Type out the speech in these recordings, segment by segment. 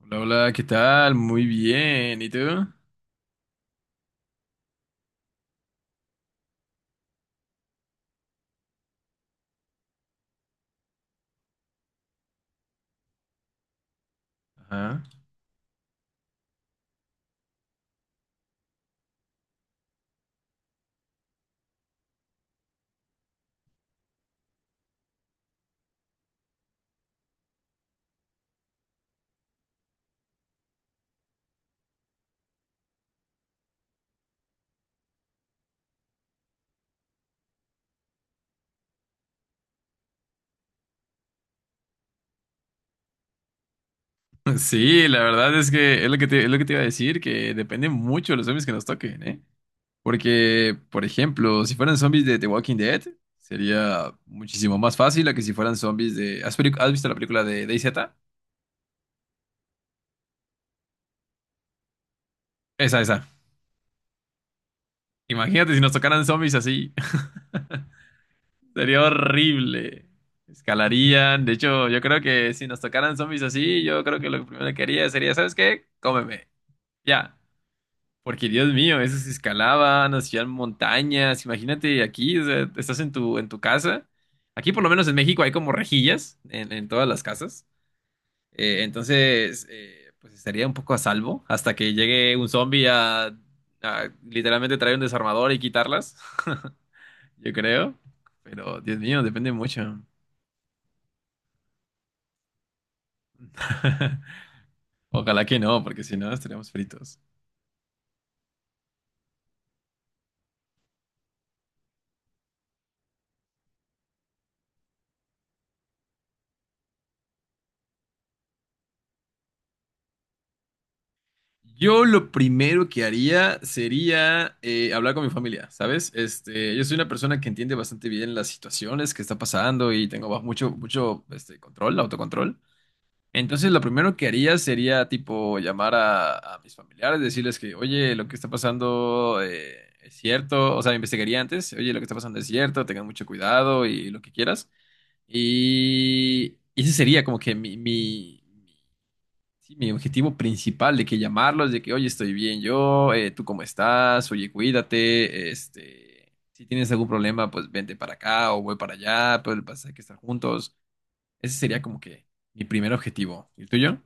Hola, hola, ¿qué tal? Muy bien, ¿y tú? Ajá. Sí, la verdad es que es lo que te iba a decir, que depende mucho de los zombies que nos toquen, ¿eh? Porque, por ejemplo, si fueran zombies de The Walking Dead, sería muchísimo más fácil a que si fueran zombies de... has visto la película de DayZ? Esa, esa. Imagínate si nos tocaran zombies así, sería horrible. Escalarían, de hecho, yo creo que si nos tocaran zombies así, yo creo que lo primero que haría sería, ¿sabes qué? Cómeme, ya. Porque Dios mío, esos escalaban, hacían montañas. Imagínate aquí, o sea, estás en tu casa. Aquí, por lo menos en México, hay como rejillas en todas las casas. Entonces, pues estaría un poco a salvo hasta que llegue un zombie a literalmente traer un desarmador y quitarlas. Yo creo. Pero, Dios mío, depende mucho. Ojalá que no, porque si no, estaríamos fritos. Yo lo primero que haría sería hablar con mi familia, ¿sabes? Este, yo soy una persona que entiende bastante bien las situaciones que está pasando y tengo mucho, mucho este, control, autocontrol. Entonces, lo primero que haría sería, tipo, llamar a mis familiares, decirles que, oye, lo que está pasando es cierto, o sea, investigaría antes, oye, lo que está pasando es cierto, tengan mucho cuidado y lo que quieras. Y ese sería como que sí, mi objetivo principal de que llamarlos, de que, oye, estoy bien yo, tú cómo estás, oye, cuídate, este, si tienes algún problema, pues vente para acá o voy para allá, pero el pasa es que estar juntos. Ese sería como que mi primer objetivo. ¿Y el tuyo?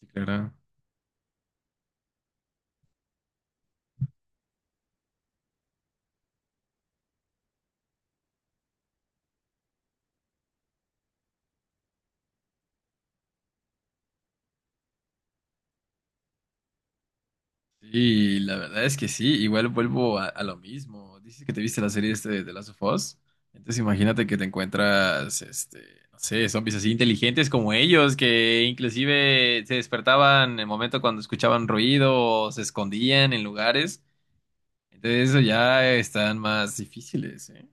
Sí, claro. Sí, la verdad es que sí, igual vuelvo a lo mismo. Dices que te viste la serie este de The Last of Us. Entonces imagínate que te encuentras, este, no sé, zombies así inteligentes como ellos, que inclusive se despertaban en el momento cuando escuchaban ruido o se escondían en lugares. Entonces eso ya están más difíciles, ¿eh?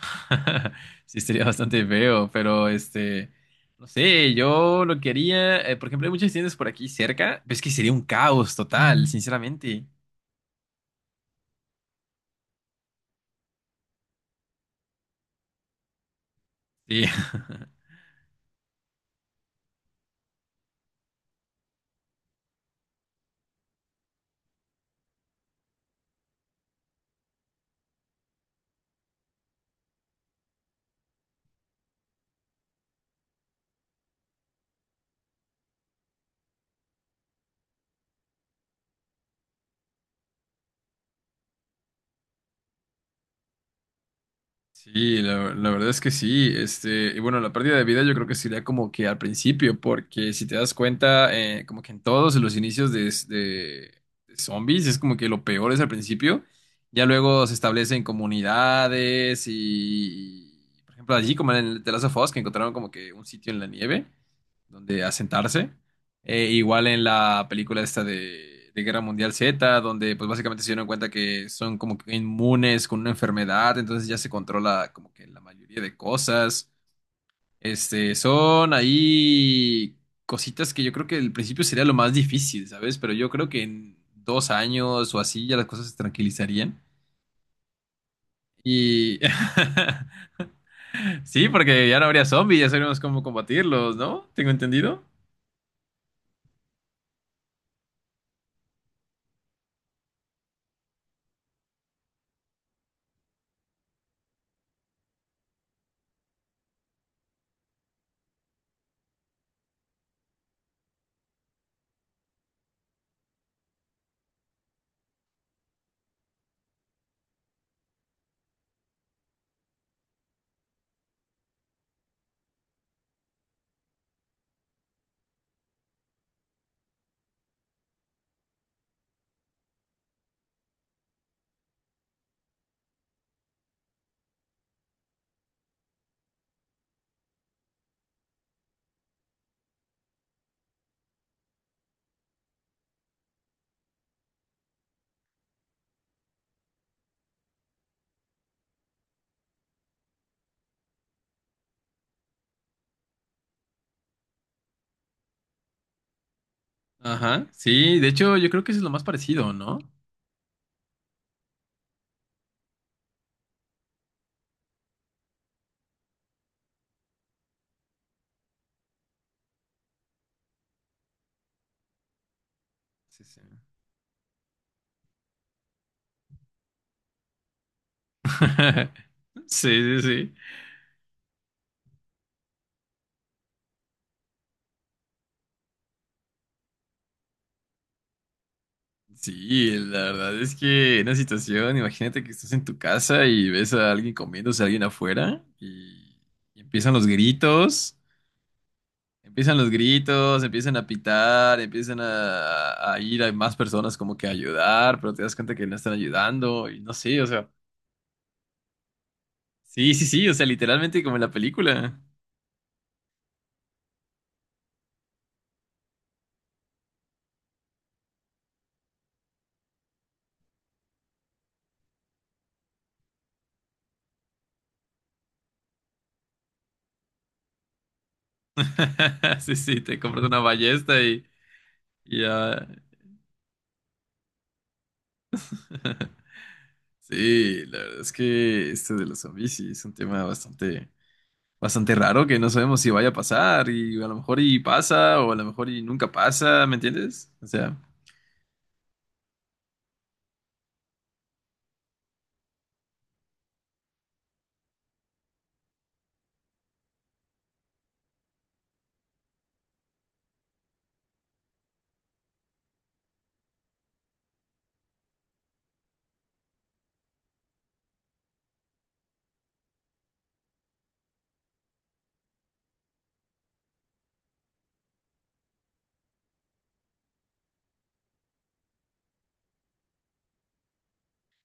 Sí, sería bastante feo, pero este, no sé, yo lo quería, por ejemplo, hay muchas tiendas por aquí cerca, pero es que sería un caos total, sinceramente. Sí, sí, la verdad es que sí. Este, y bueno, la pérdida de vida yo creo que sería como que al principio, porque si te das cuenta, como que en todos los inicios de zombies es como que lo peor es al principio. Ya luego se establecen comunidades por ejemplo, allí como en el The Last of Us, que encontraron como que un sitio en la nieve donde asentarse. Igual en la película esta de Guerra Mundial Z, donde pues básicamente se dieron cuenta que son como que inmunes con una enfermedad, entonces ya se controla como que la mayoría de cosas. Este, son ahí cositas que yo creo que al principio sería lo más difícil, ¿sabes? Pero yo creo que en 2 años o así ya las cosas se tranquilizarían. Y sí, porque ya no habría zombies, ya sabríamos cómo combatirlos, ¿no? Tengo entendido. Ajá, sí, de hecho yo creo que eso es lo más parecido, ¿no? Sí, sí. Sí, sí, sí. Sí, la verdad es que en una situación, imagínate que estás en tu casa y ves a alguien comiéndose a alguien afuera , y empiezan los gritos, empiezan los gritos, empiezan a pitar, empiezan a ir a más personas como que a ayudar, pero te das cuenta que no están ayudando y no sé, o sea, sí, sí, sí, o sea, literalmente como en la película. Sí, sí, te compras una ballesta y ya. Sí, la verdad es que este de los zombies sí es un tema bastante, bastante raro que no sabemos si vaya a pasar y a lo mejor y pasa o a lo mejor y nunca pasa, ¿me entiendes? O sea,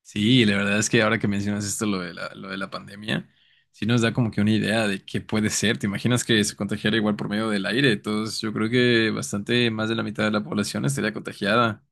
sí, la verdad es que ahora que mencionas esto, lo de la pandemia, sí nos da como que una idea de qué puede ser. ¿Te imaginas que se contagiara igual por medio del aire? Entonces yo creo que bastante más de la mitad de la población estaría contagiada.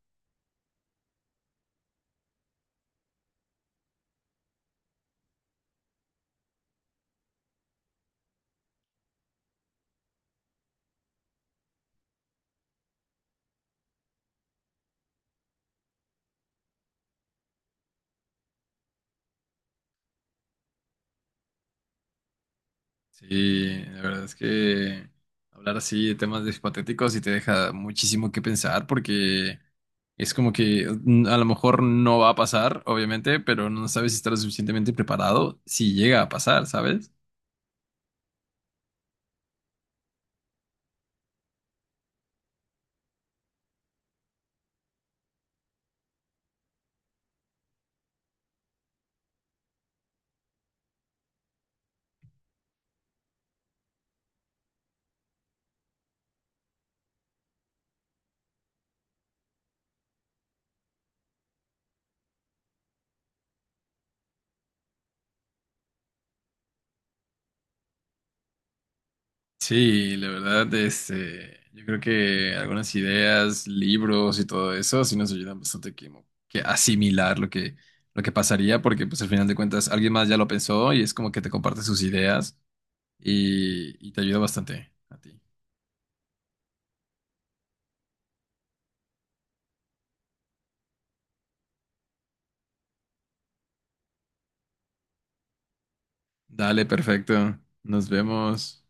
Sí, la verdad es que hablar así de temas de hipotéticos sí te deja muchísimo que pensar porque es como que mm, a lo mejor no va a pasar, obviamente, pero no sabes si estás lo suficientemente preparado si llega a pasar, ¿sabes? Sí, la verdad, este, yo creo que algunas ideas, libros y todo eso sí nos ayudan bastante que asimilar lo que pasaría porque pues al final de cuentas alguien más ya lo pensó y es como que te comparte sus ideas y te ayuda bastante a ti. Dale, perfecto. Nos vemos.